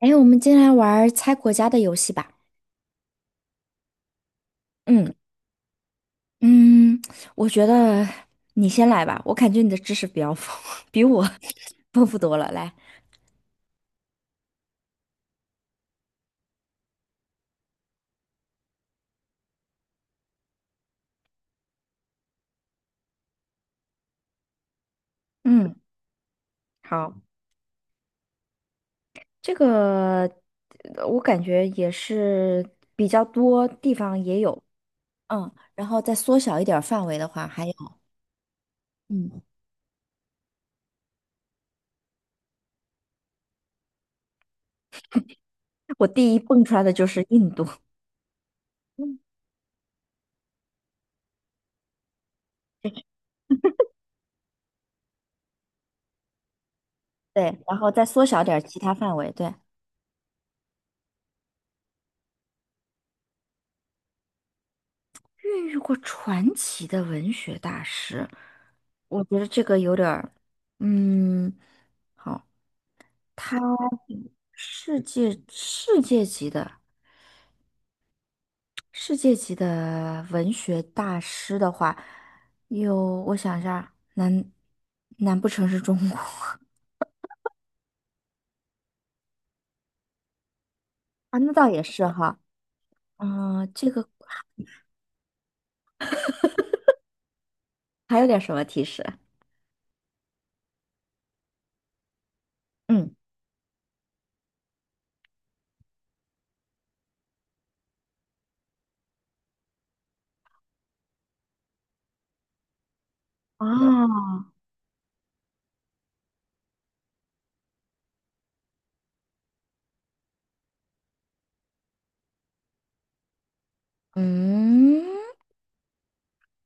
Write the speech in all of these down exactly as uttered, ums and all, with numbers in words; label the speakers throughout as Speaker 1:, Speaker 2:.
Speaker 1: 哎，我们今天来玩儿猜国家的游戏吧。嗯嗯，我觉得你先来吧，我感觉你的知识比较丰，比我 丰富多了。来，嗯，好，这个呃我感觉也是比较多地方也有，嗯，然后再缩小一点儿范围的话，还有，嗯，我第一蹦出来的就是印度，嗯，对，然后再缩小点儿其他范围，对，孕育过传奇的文学大师，我觉得这个有点儿，嗯，好，他世界世界级的世界级的文学大师的话，有我想一下，难难不成是中国 啊？那倒也是哈，嗯，这个还有点什么提示？嗯，啊，嗯，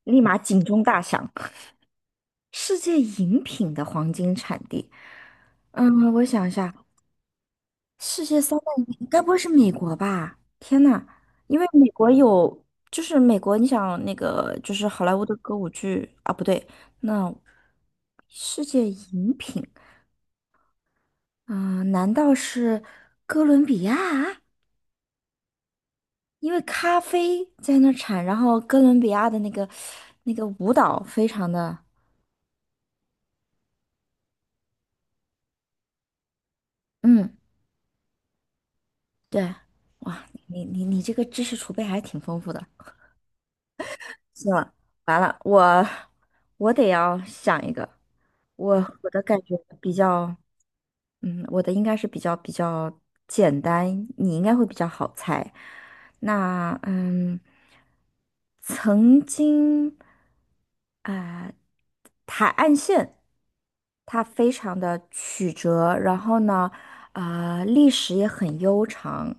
Speaker 1: 立马警钟大响。世界饮品的黄金产地。嗯，我想一下，世界三大饮品该不会是美国吧？天呐，因为美国有，就是美国，你想那个就是好莱坞的歌舞剧啊，不对，那世界饮品啊，难道是哥伦比亚？因为咖啡在那儿产，然后哥伦比亚的那个那个舞蹈非常的，嗯，对，哇，你你你这个知识储备还挺丰富的。行了，完了，我我得要想一个，我我的感觉比较，嗯，我的应该是比较比较简单，你应该会比较好猜。那嗯，曾经啊、海岸线它非常的曲折，然后呢，啊、历史也很悠长，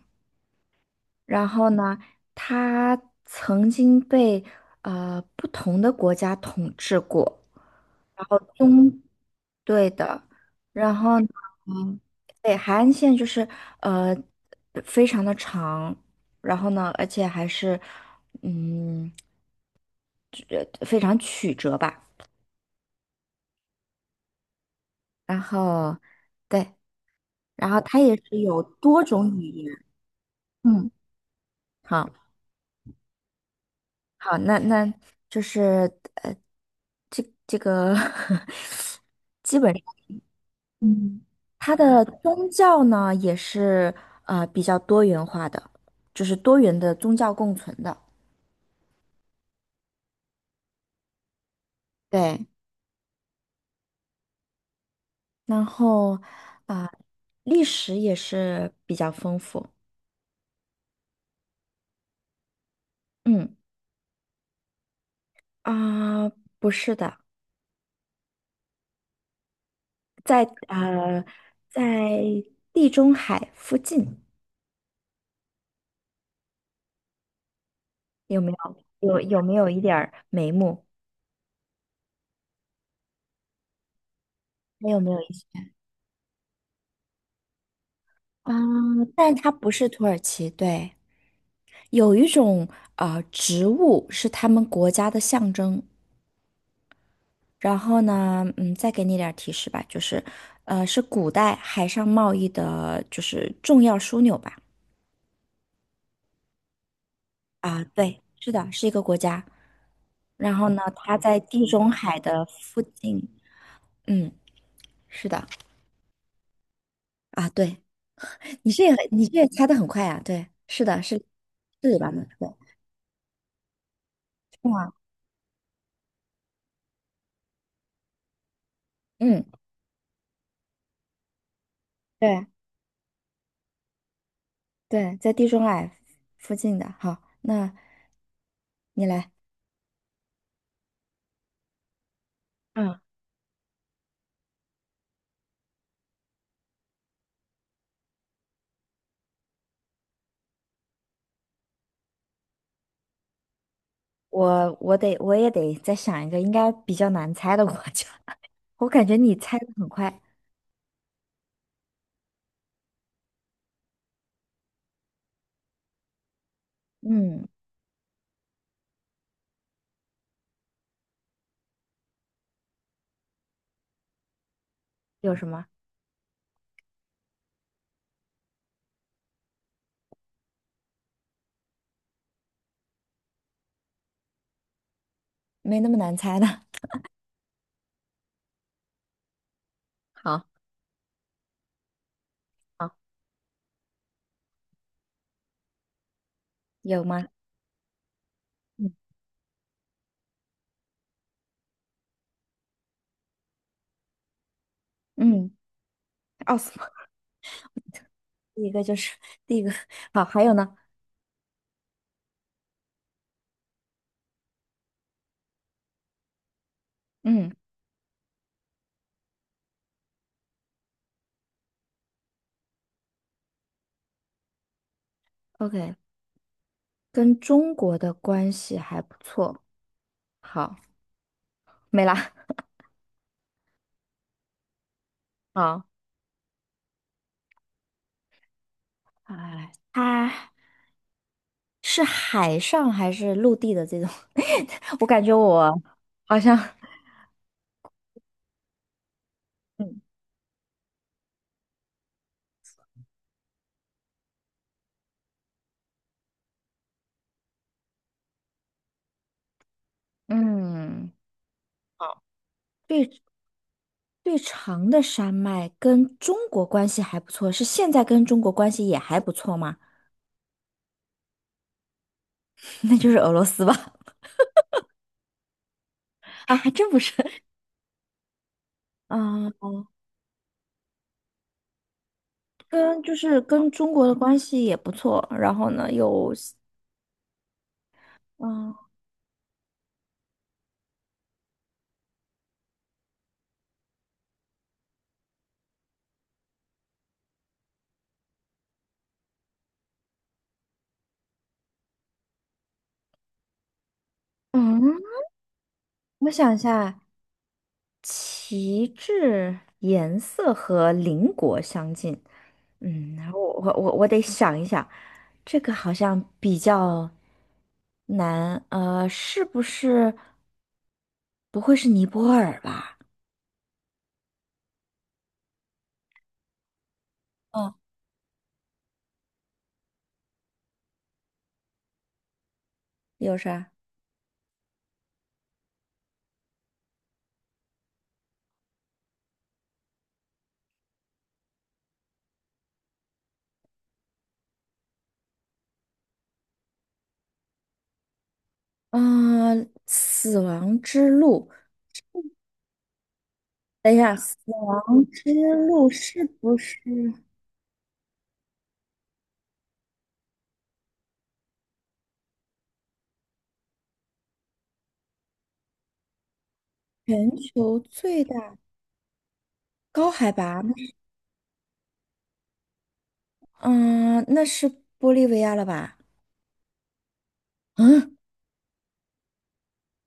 Speaker 1: 然后呢，他曾经被呃不同的国家统治过，然后中，对的，然后呢嗯，对，海岸线就是呃非常的长，然后呢，而且还是嗯非常曲折吧，然后对，然后它也是有多种语言，嗯，好。好，那那就是呃，这这个 基本上它的宗教呢也是呃比较多元化的，就是多元的宗教共存的。对，然后啊，历史也是比较丰富。嗯啊，不是的，在呃在地中海附近有没有有有没有一点儿眉目？还有没有一些？啊，但它不是土耳其，对，有一种啊植物是他们国家的象征。然后呢，嗯，再给你点儿提示吧，就是，呃，是古代海上贸易的，就是重要枢纽吧。啊，对，是的，是一个国家。然后呢，它在地中海的附近。嗯，是的。啊，对，你这也很你这也猜的很快啊。对，是的，是是吧对，是吗？嗯，对。对，在地中海附近的。好，那你来。嗯，我我得我也得再想一个应该比较难猜的国家。我感觉你猜的很快。嗯，有什么？没那么难猜的。好，好，有吗？嗯，嗯，奥斯曼，第一个就是第一个。好，还有呢？嗯，OK，跟中国的关系还不错。好，没了。好，哎，啊。是海上还是陆地的这种？我感觉我好像 嗯嗯，最最长的山脉跟中国关系还不错，是现在跟中国关系也还不错吗？那就是俄罗斯吧？啊，还真不是。嗯，跟就是跟中国的关系也不错，然后呢有，嗯嗯，我想一下，旗帜颜色和邻国相近，嗯，然后我我我我得想一想，这个好像比较难，呃，是不是不会是尼泊尔吧？嗯，有啥？嗯、死亡之路，等一下，死亡之路是不是全球最大高海拔呢嗯、那是玻利维亚了吧？嗯，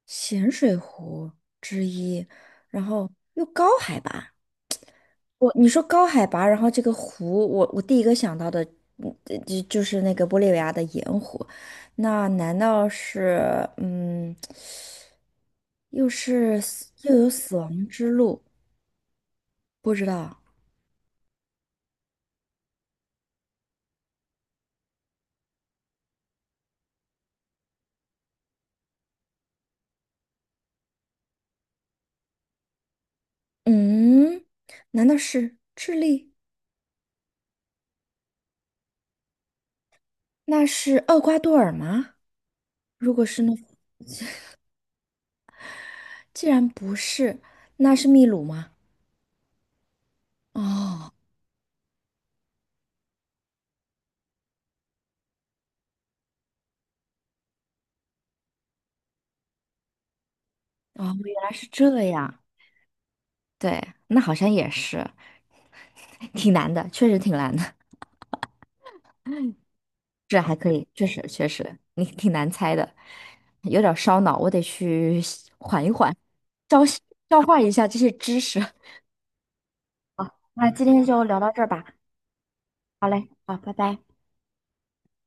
Speaker 1: 咸水湖之一，然后又高海拔。我你说高海拔，然后这个湖，我我第一个想到的，嗯，呃就就是那个玻利维亚的盐湖，那难道是嗯，又是死又有死亡之路？不知道，嗯，难道是智利？那是厄瓜多尔吗？如果是那，既然不是，那是秘鲁吗？哦，哦，原来是这样，对，那好像也是，挺难的，确实挺难的。这还可以，确实确实，你挺难猜的，有点儿烧脑，我得去缓一缓，消消化一下这些知识。好，那今天就聊到这儿吧。好嘞，好，拜拜。